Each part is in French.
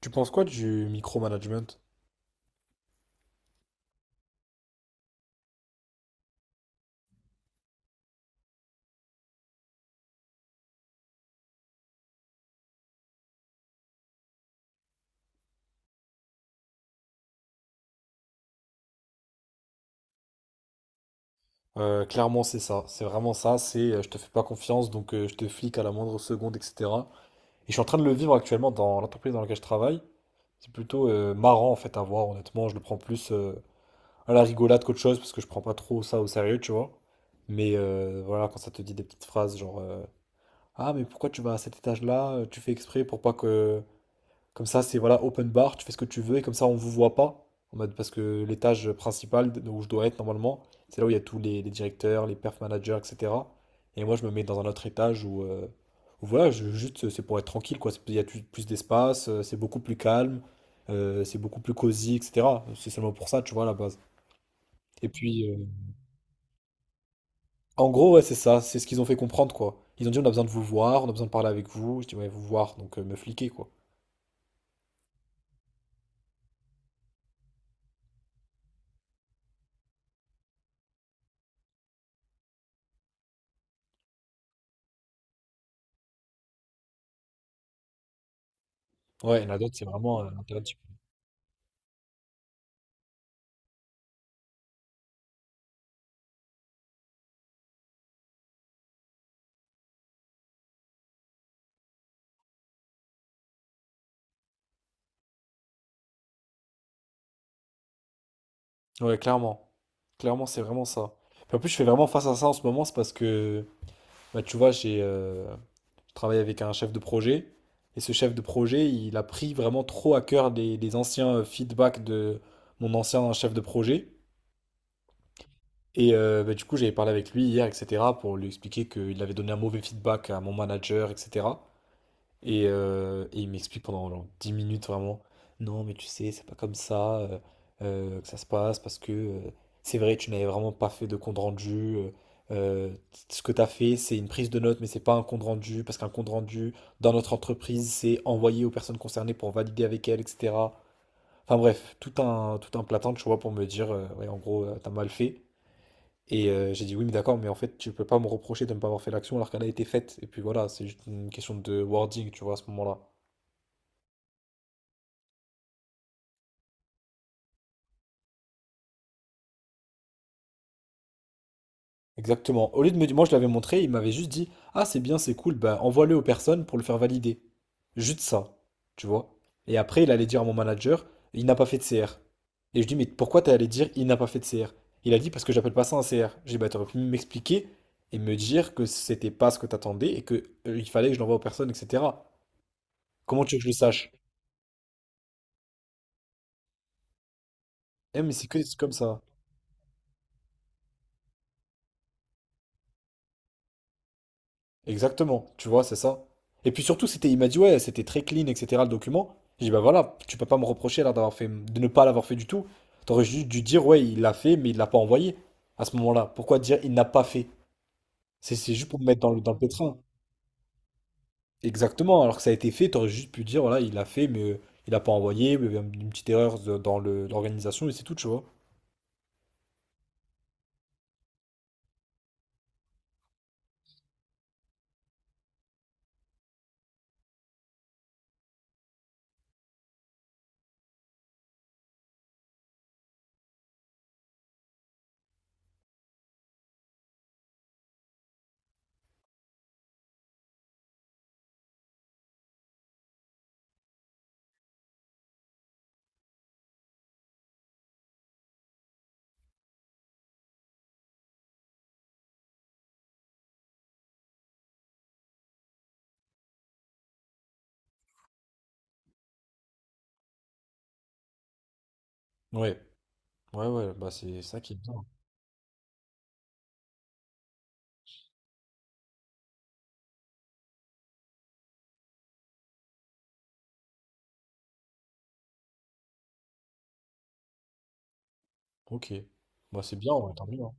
Tu penses quoi du micromanagement? Clairement, c'est ça. C'est vraiment ça. C'est je te fais pas confiance, donc je te flic à la moindre seconde, etc. Et je suis en train de le vivre actuellement dans l'entreprise dans laquelle je travaille. C'est plutôt marrant en fait à voir, honnêtement. Je le prends plus à la rigolade qu'autre chose parce que je prends pas trop ça au sérieux, tu vois. Mais voilà, quand ça te dit des petites phrases genre ah, mais pourquoi tu vas à cet étage-là? Tu fais exprès pour pas que. Comme ça, c'est voilà, open bar, tu fais ce que tu veux et comme ça, on vous voit pas. En mode, parce que l'étage principal où je dois être normalement, c'est là où il y a tous les directeurs, les perf managers, etc. Et moi, je me mets dans un autre étage où voilà, juste c'est pour être tranquille, quoi. Il y a plus d'espace, c'est beaucoup plus calme, c'est beaucoup plus cosy, etc. C'est seulement pour ça, tu vois, à la base. Et puis, en gros, ouais, c'est ça, c'est ce qu'ils ont fait comprendre, quoi. Ils ont dit, on a besoin de vous voir, on a besoin de parler avec vous. Je dis, ouais, vous voir, donc me fliquer, quoi. Ouais, il y en a d'autres, c'est vraiment ouais, clairement. Clairement, c'est vraiment ça. Puis en plus, je fais vraiment face à ça en ce moment, c'est parce que, bah, tu vois, j'ai je travaille avec un chef de projet, et ce chef de projet, il a pris vraiment trop à cœur les anciens feedbacks de mon ancien chef de projet. Et bah, du coup, j'avais parlé avec lui hier, etc., pour lui expliquer qu'il avait donné un mauvais feedback à mon manager, etc. Et il m'explique pendant genre 10 minutes vraiment, non mais tu sais, c'est pas comme ça que ça se passe, parce que c'est vrai, tu n'avais vraiment pas fait de compte rendu. euh, Ce que tu as fait, c'est une prise de notes, mais c'est pas un compte rendu, parce qu'un compte rendu dans notre entreprise, c'est envoyé aux personnes concernées pour valider avec elles, etc. Enfin bref, tout un platin, tu vois, pour me dire, ouais, en gros, t'as mal fait. Et j'ai dit, oui, mais d'accord, mais en fait, tu peux pas me reprocher de ne pas avoir fait l'action alors qu'elle a été faite. Et puis voilà, c'est juste une question de wording, tu vois, à ce moment-là. Exactement. Au lieu de me dire, moi je l'avais montré, il m'avait juste dit, ah c'est bien, c'est cool, bah envoie-le aux personnes pour le faire valider. Juste ça, tu vois. Et après, il allait dire à mon manager, il n'a pas fait de CR. Et je dis, mais pourquoi t'es allé dire, il n'a pas fait de CR? Il a dit, parce que j'appelle pas ça un CR. J'ai dit, bah t'aurais pu m'expliquer et me dire que c'était pas ce que t'attendais et que Il fallait que je l'envoie aux personnes, etc. Comment tu veux que je le sache? Eh, mais c'est que des trucs comme ça. Exactement, tu vois, c'est ça. Et puis surtout, c'était, il m'a dit, ouais, c'était très clean, etc. le document. J'ai dit, bah voilà, tu peux pas me reprocher là d'avoir fait, de ne pas l'avoir fait du tout. T'aurais juste dû dire, ouais, il l'a fait, mais il l'a pas envoyé à ce moment-là. Pourquoi dire, il n'a pas fait? C'est juste pour me mettre dans le pétrin. Exactement, alors que ça a été fait, t'aurais juste pu dire, voilà, il l'a fait, mais il l'a pas envoyé, mais il y a une petite erreur dans l'organisation, et c'est tout, tu vois. Ouais, ouais, ouais, bah c'est ça qui est bien. Ok, bah c'est bien, ouais, tant mieux, hein.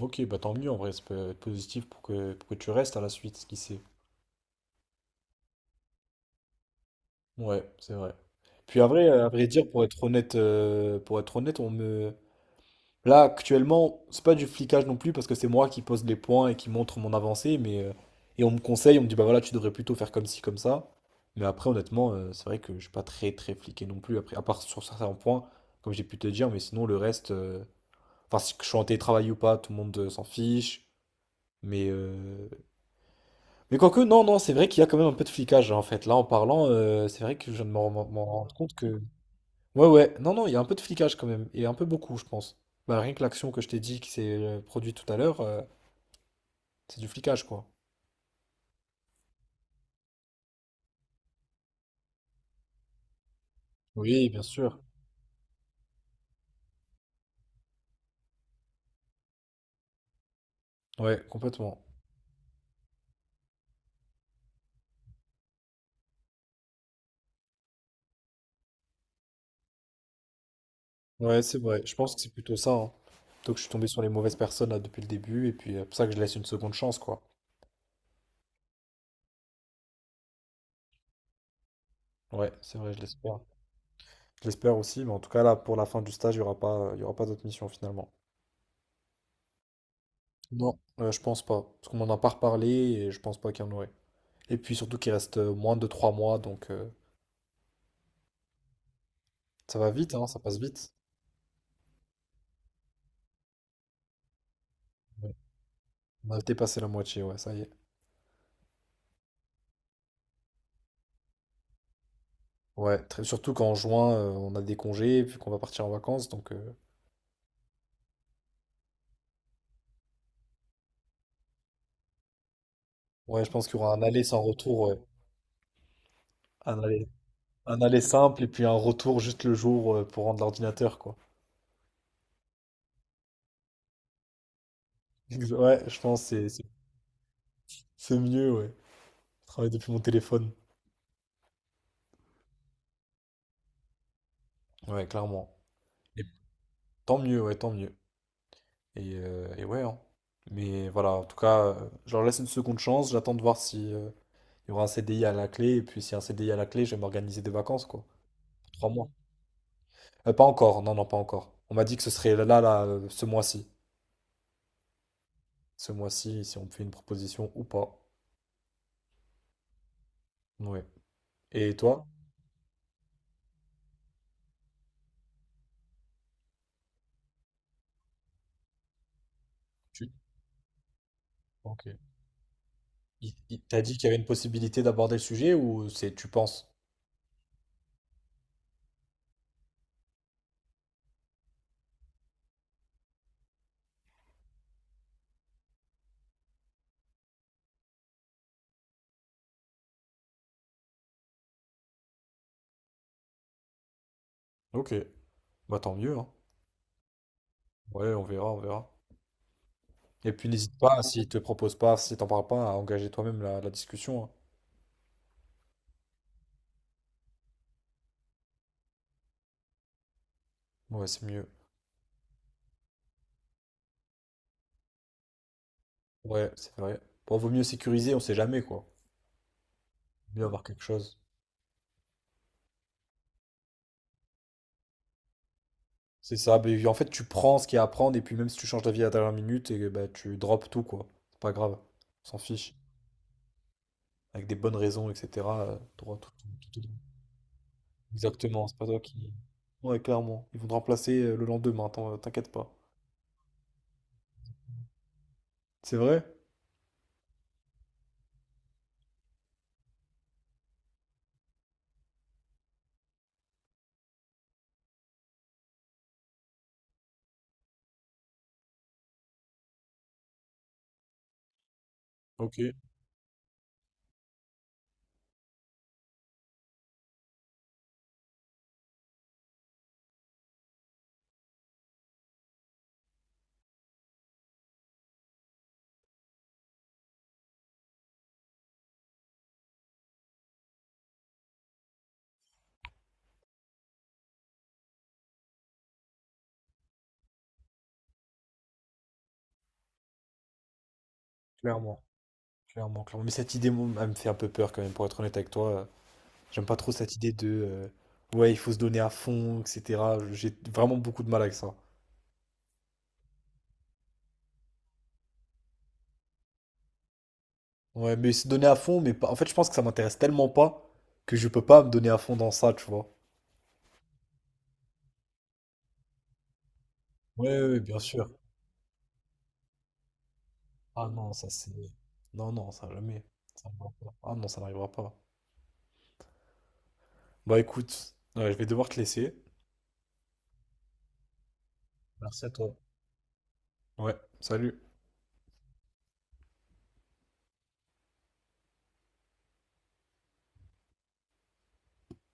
Ok, bah tant mieux en vrai, ça peut être positif pour que, tu restes à la suite, qui sait. Ouais, c'est vrai. Puis à vrai dire, pour être honnête, on me. Là, actuellement, c'est pas du flicage non plus parce que c'est moi qui pose les points et qui montre mon avancée, mais et on me conseille, on me dit bah voilà, tu devrais plutôt faire comme ci, comme ça. Mais après, honnêtement, c'est vrai que je suis pas très très fliqué non plus, après, à part sur certains points, comme j'ai pu te dire, mais sinon le reste, enfin si je suis en télétravail ou pas, tout le monde s'en fiche. Mais, euh, Mais quoique, non, non, c'est vrai qu'il y a quand même un peu de flicage hein, en fait. Là, en parlant, c'est vrai que je ne m'en rends compte que. Ouais, ouais, non, non, il y a un peu de flicage quand même. Et un peu beaucoup, je pense. Bah, rien que l'action que je t'ai dit qui s'est produite tout à l'heure, c'est du flicage, quoi. Oui, bien sûr. Ouais, complètement. Ouais, c'est vrai. Je pense que c'est plutôt ça, hein. Plutôt que je suis tombé sur les mauvaises personnes là depuis le début. Et puis, c'est pour ça que je laisse une seconde chance, quoi. Ouais, c'est vrai, je l'espère. Je l'espère aussi, mais en tout cas, là, pour la fin du stage, il y aura pas d'autres missions finalement. Non, je pense pas. Parce qu'on m'en a pas reparlé et je pense pas qu'il y en aurait. Et puis surtout qu'il reste moins de 3 mois, donc ça va vite, hein, ça passe vite. Ouais. On a dépassé la moitié, ouais, ça y est. Ouais, surtout qu'en juin, on a des congés, puis qu'on va partir en vacances, donc ouais, je pense qu'il y aura un aller sans retour, ouais. Un aller, un aller simple et puis un retour juste le jour pour rendre l'ordinateur, quoi. Ouais, je pense que c'est mieux, ouais. Je travaille depuis mon téléphone. Ouais, clairement. Et tant mieux, ouais, tant mieux. Et ouais, hein. Mais voilà, en tout cas, je leur laisse une seconde chance. J'attends de voir si il y aura un CDI à la clé. Et puis, si y a un CDI à la clé, je vais m'organiser des vacances, quoi. 3 mois. Pas encore, non, non, pas encore. On m'a dit que ce serait ce mois-ci. Ce mois-ci, si on me fait une proposition ou pas. Ouais. Et toi? Tu. Ok. T'as dit qu'il y avait une possibilité d'aborder le sujet ou c'est tu penses? Ok. Bah tant mieux, hein. Ouais, on verra, on verra. Et puis n'hésite pas, s'ils te proposent pas, si t'en parles pas, à engager toi-même la discussion, hein. Ouais, c'est mieux. Ouais, c'est vrai. Bon, vaut mieux sécuriser, on sait jamais quoi. Mieux avoir quelque chose. C'est ça, mais en fait, tu prends ce qu'il y a à prendre et puis même si tu changes d'avis à la dernière minute, et, bah, tu drops tout quoi. C'est pas grave, on s'en fiche. Avec des bonnes raisons, etc. T'auras tout, tout. Exactement, c'est pas toi qui. Ouais, clairement. Ils vont te remplacer le lendemain, t'inquiète pas. C'est vrai? Ok. Clairement, clairement, clairement. Mais cette idée, moi, elle me fait un peu peur quand même, pour être honnête avec toi. J'aime pas trop cette idée de ouais, il faut se donner à fond, etc. J'ai vraiment beaucoup de mal avec ça. Ouais, mais se donner à fond, mais pas, en fait, je pense que ça m'intéresse tellement pas que je peux pas me donner à fond dans ça, tu vois. Oui, oui, bien sûr. Ah non, ça c'est. Non, non, ça jamais. Ça n'arrivera pas. Ah non, ça n'arrivera pas. Bah écoute, ouais, je vais devoir te laisser. Merci à toi. Ouais, salut.